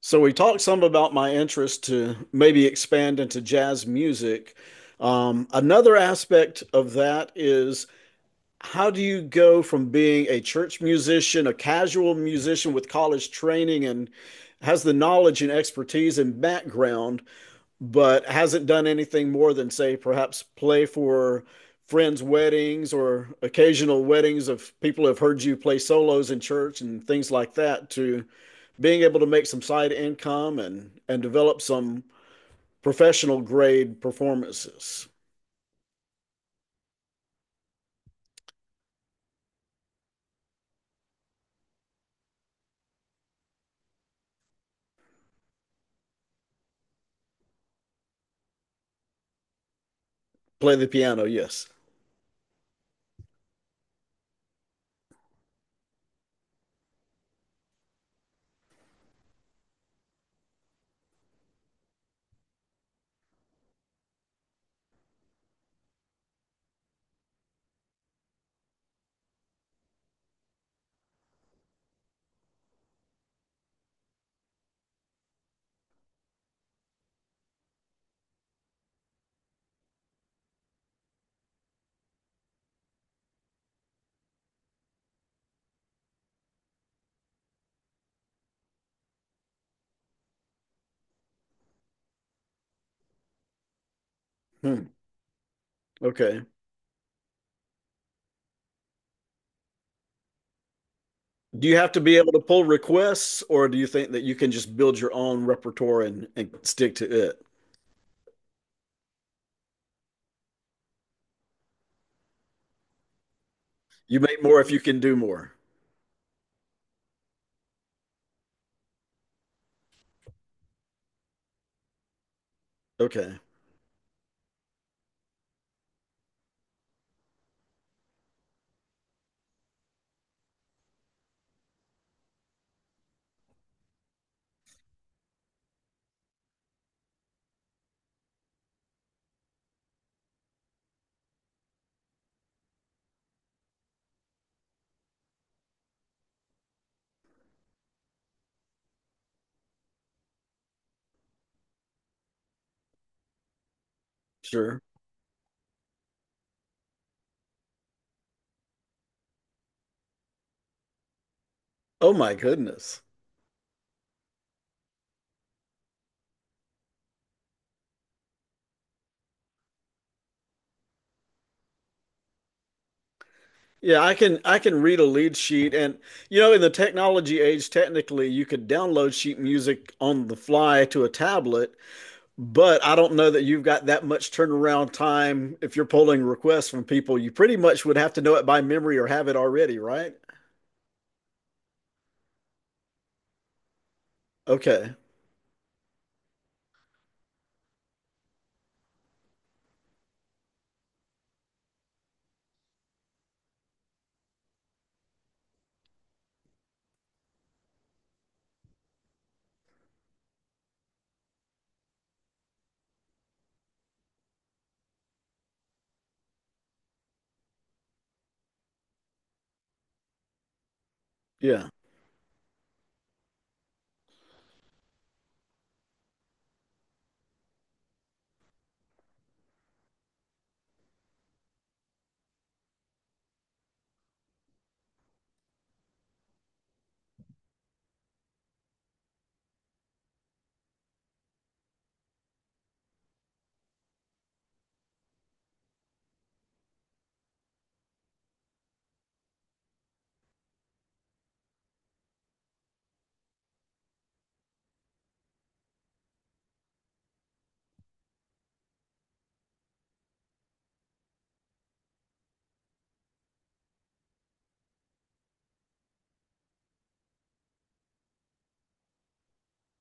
So we talked some about my interest to maybe expand into jazz music. Another aspect of that is how do you go from being a church musician, a casual musician with college training and has the knowledge and expertise and background, but hasn't done anything more than, say, perhaps play for friends' weddings or occasional weddings of people who have heard you play solos in church and things like that, to being able to make some side income and develop some professional grade performances. Play the piano, yes. Hmm. Okay. Do you have to be able to pull requests, or do you think that you can just build your own repertoire and stick to it? You make more if you can do more. Okay, sure. Oh my goodness. Yeah, I can read a lead sheet and you know, in the technology age, technically you could download sheet music on the fly to a tablet. But I don't know that you've got that much turnaround time if you're polling requests from people. You pretty much would have to know it by memory or have it already, right? Okay. Yeah.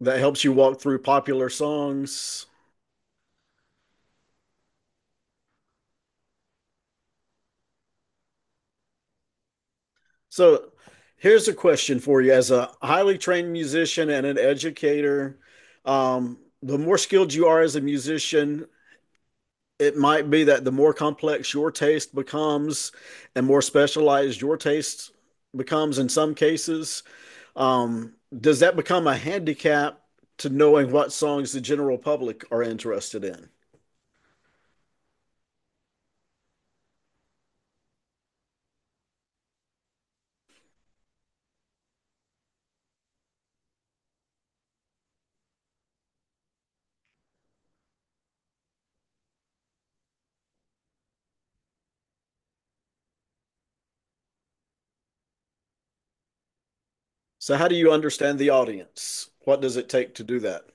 That helps you walk through popular songs. So here's a question for you as a highly trained musician and an educator. The more skilled you are as a musician, it might be that the more complex your taste becomes and more specialized your taste becomes in some cases. Does that become a handicap to knowing what songs the general public are interested in? So, how do you understand the audience? What does it take to do that?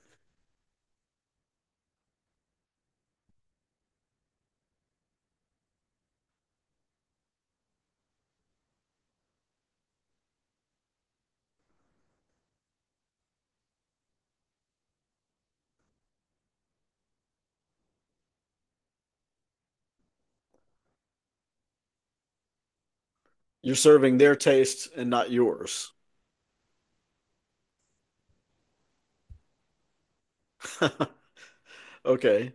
You're serving their taste and not yours. Okay.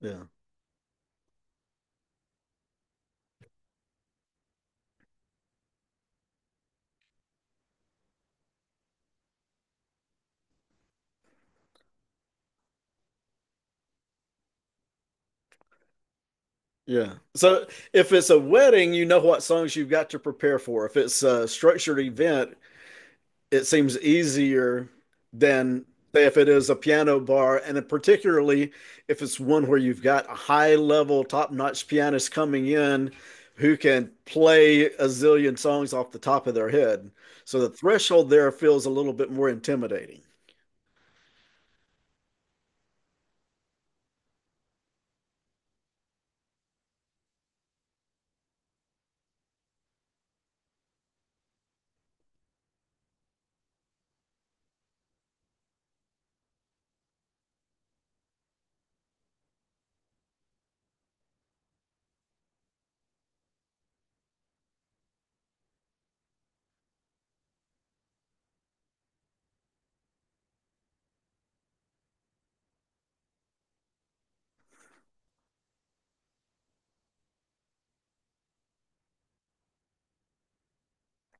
Yeah. Yeah. So if it's a wedding, you know what songs you've got to prepare for. If it's a structured event, it seems easier than say if it is a piano bar, and particularly if it's one where you've got a high level, top notch pianist coming in who can play a zillion songs off the top of their head. So the threshold there feels a little bit more intimidating.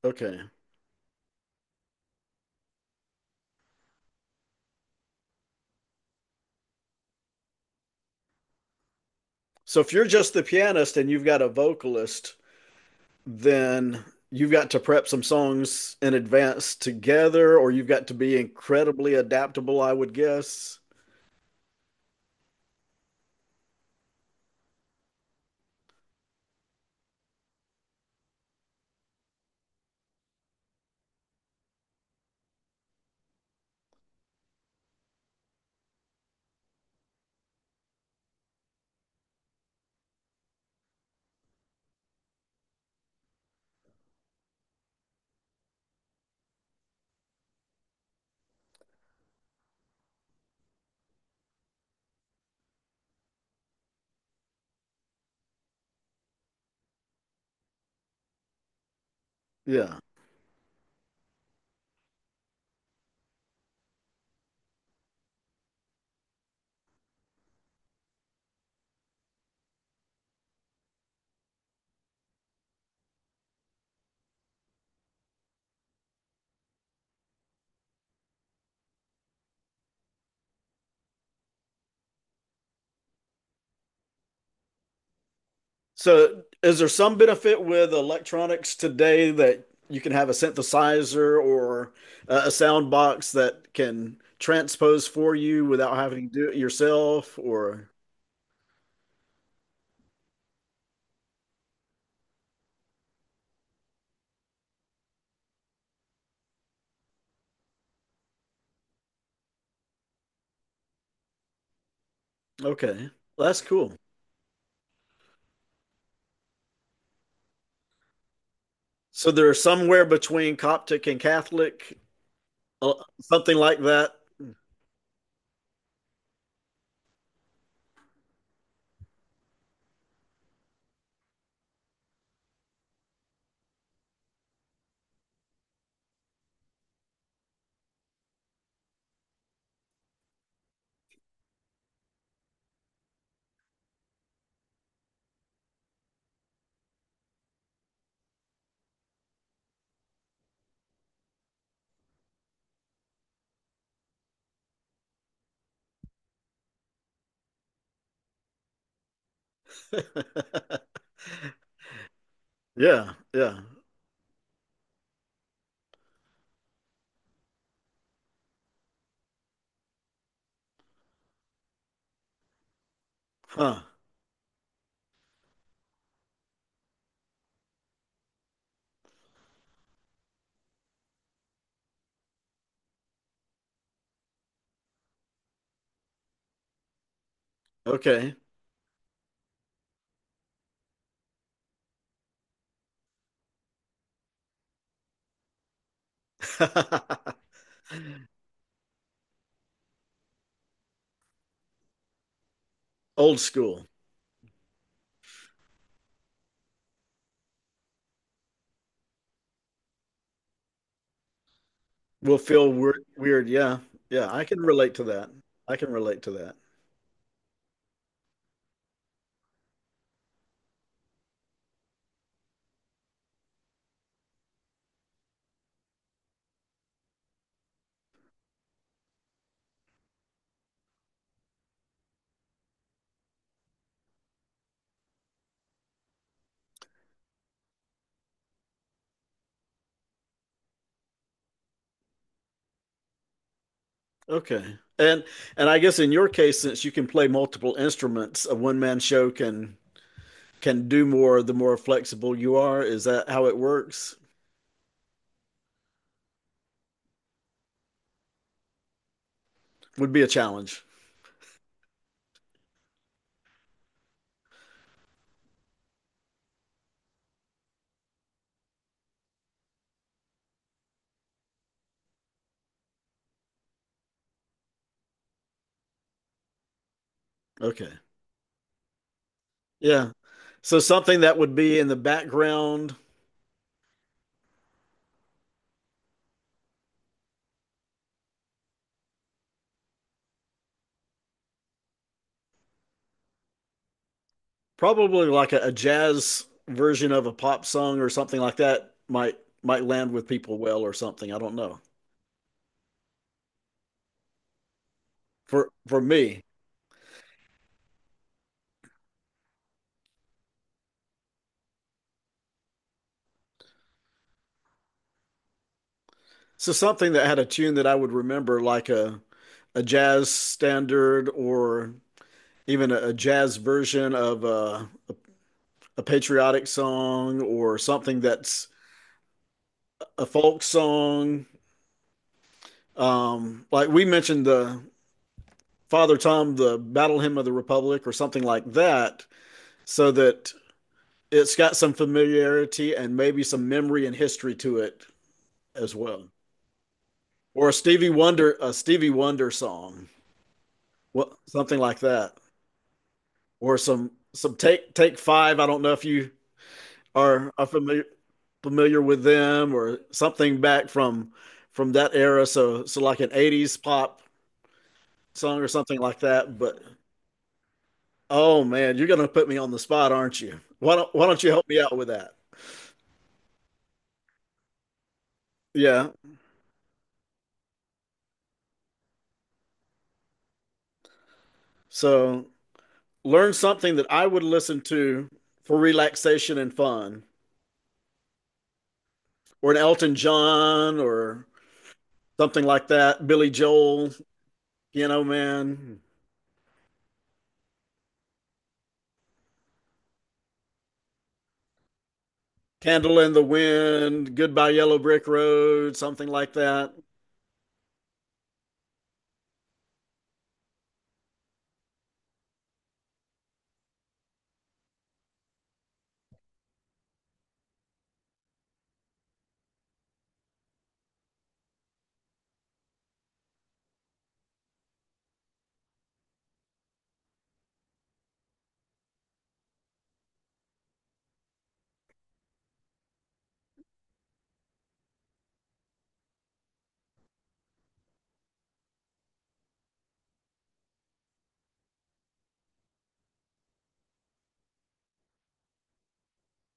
Okay. So if you're just the pianist and you've got a vocalist, then you've got to prep some songs in advance together, or you've got to be incredibly adaptable, I would guess. Yeah. So, is there some benefit with electronics today that you can have a synthesizer or a sound box that can transpose for you without having to do it yourself? Or, okay. Well, that's cool. So, they're somewhere between Coptic and Catholic, uh, something like that. Yeah, yeah. Huh. Okay. Old school. Will feel weird. Yeah, yeah. I can relate to that. I can relate to that. Okay. And I guess in your case, since you can play multiple instruments, a one man show can do more the more flexible you are. Is that how it works? Would be a challenge. Okay. Yeah. So something that would be in the background, probably like a jazz version of a pop song or something like that might land with people well or something. I don't know. For me. So something that had a tune that I would remember like a jazz standard or even a jazz version of a patriotic song or something that's a folk song. Like we mentioned the Father Tom, the Battle Hymn of the Republic, or something like that, so that it's got some familiarity and maybe some memory and history to it as well. Or a Stevie Wonder song, what something like that, or some take take five. I don't know if you are familiar familiar with them or something back from that era. So so like an '80s pop song or something like that. But oh man, you're gonna put me on the spot, aren't you? Why don't you help me out with that? Yeah. So learn something that I would listen to for relaxation and fun. Or an Elton John or something like that. Billy Joel, Piano Man, Candle in the Wind, Goodbye Yellow Brick Road, something like that.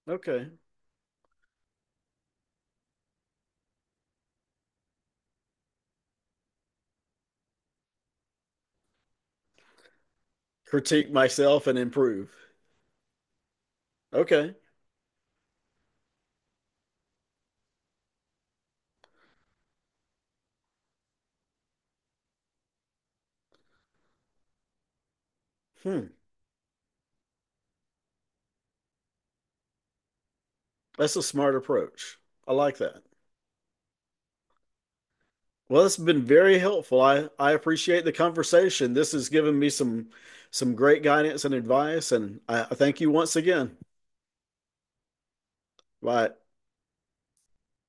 Okay. Critique myself and improve. Okay. Hmm. That's a smart approach. I like that. Well, it's been very helpful. I appreciate the conversation. This has given me some great guidance and advice, and I thank you once again. Bye.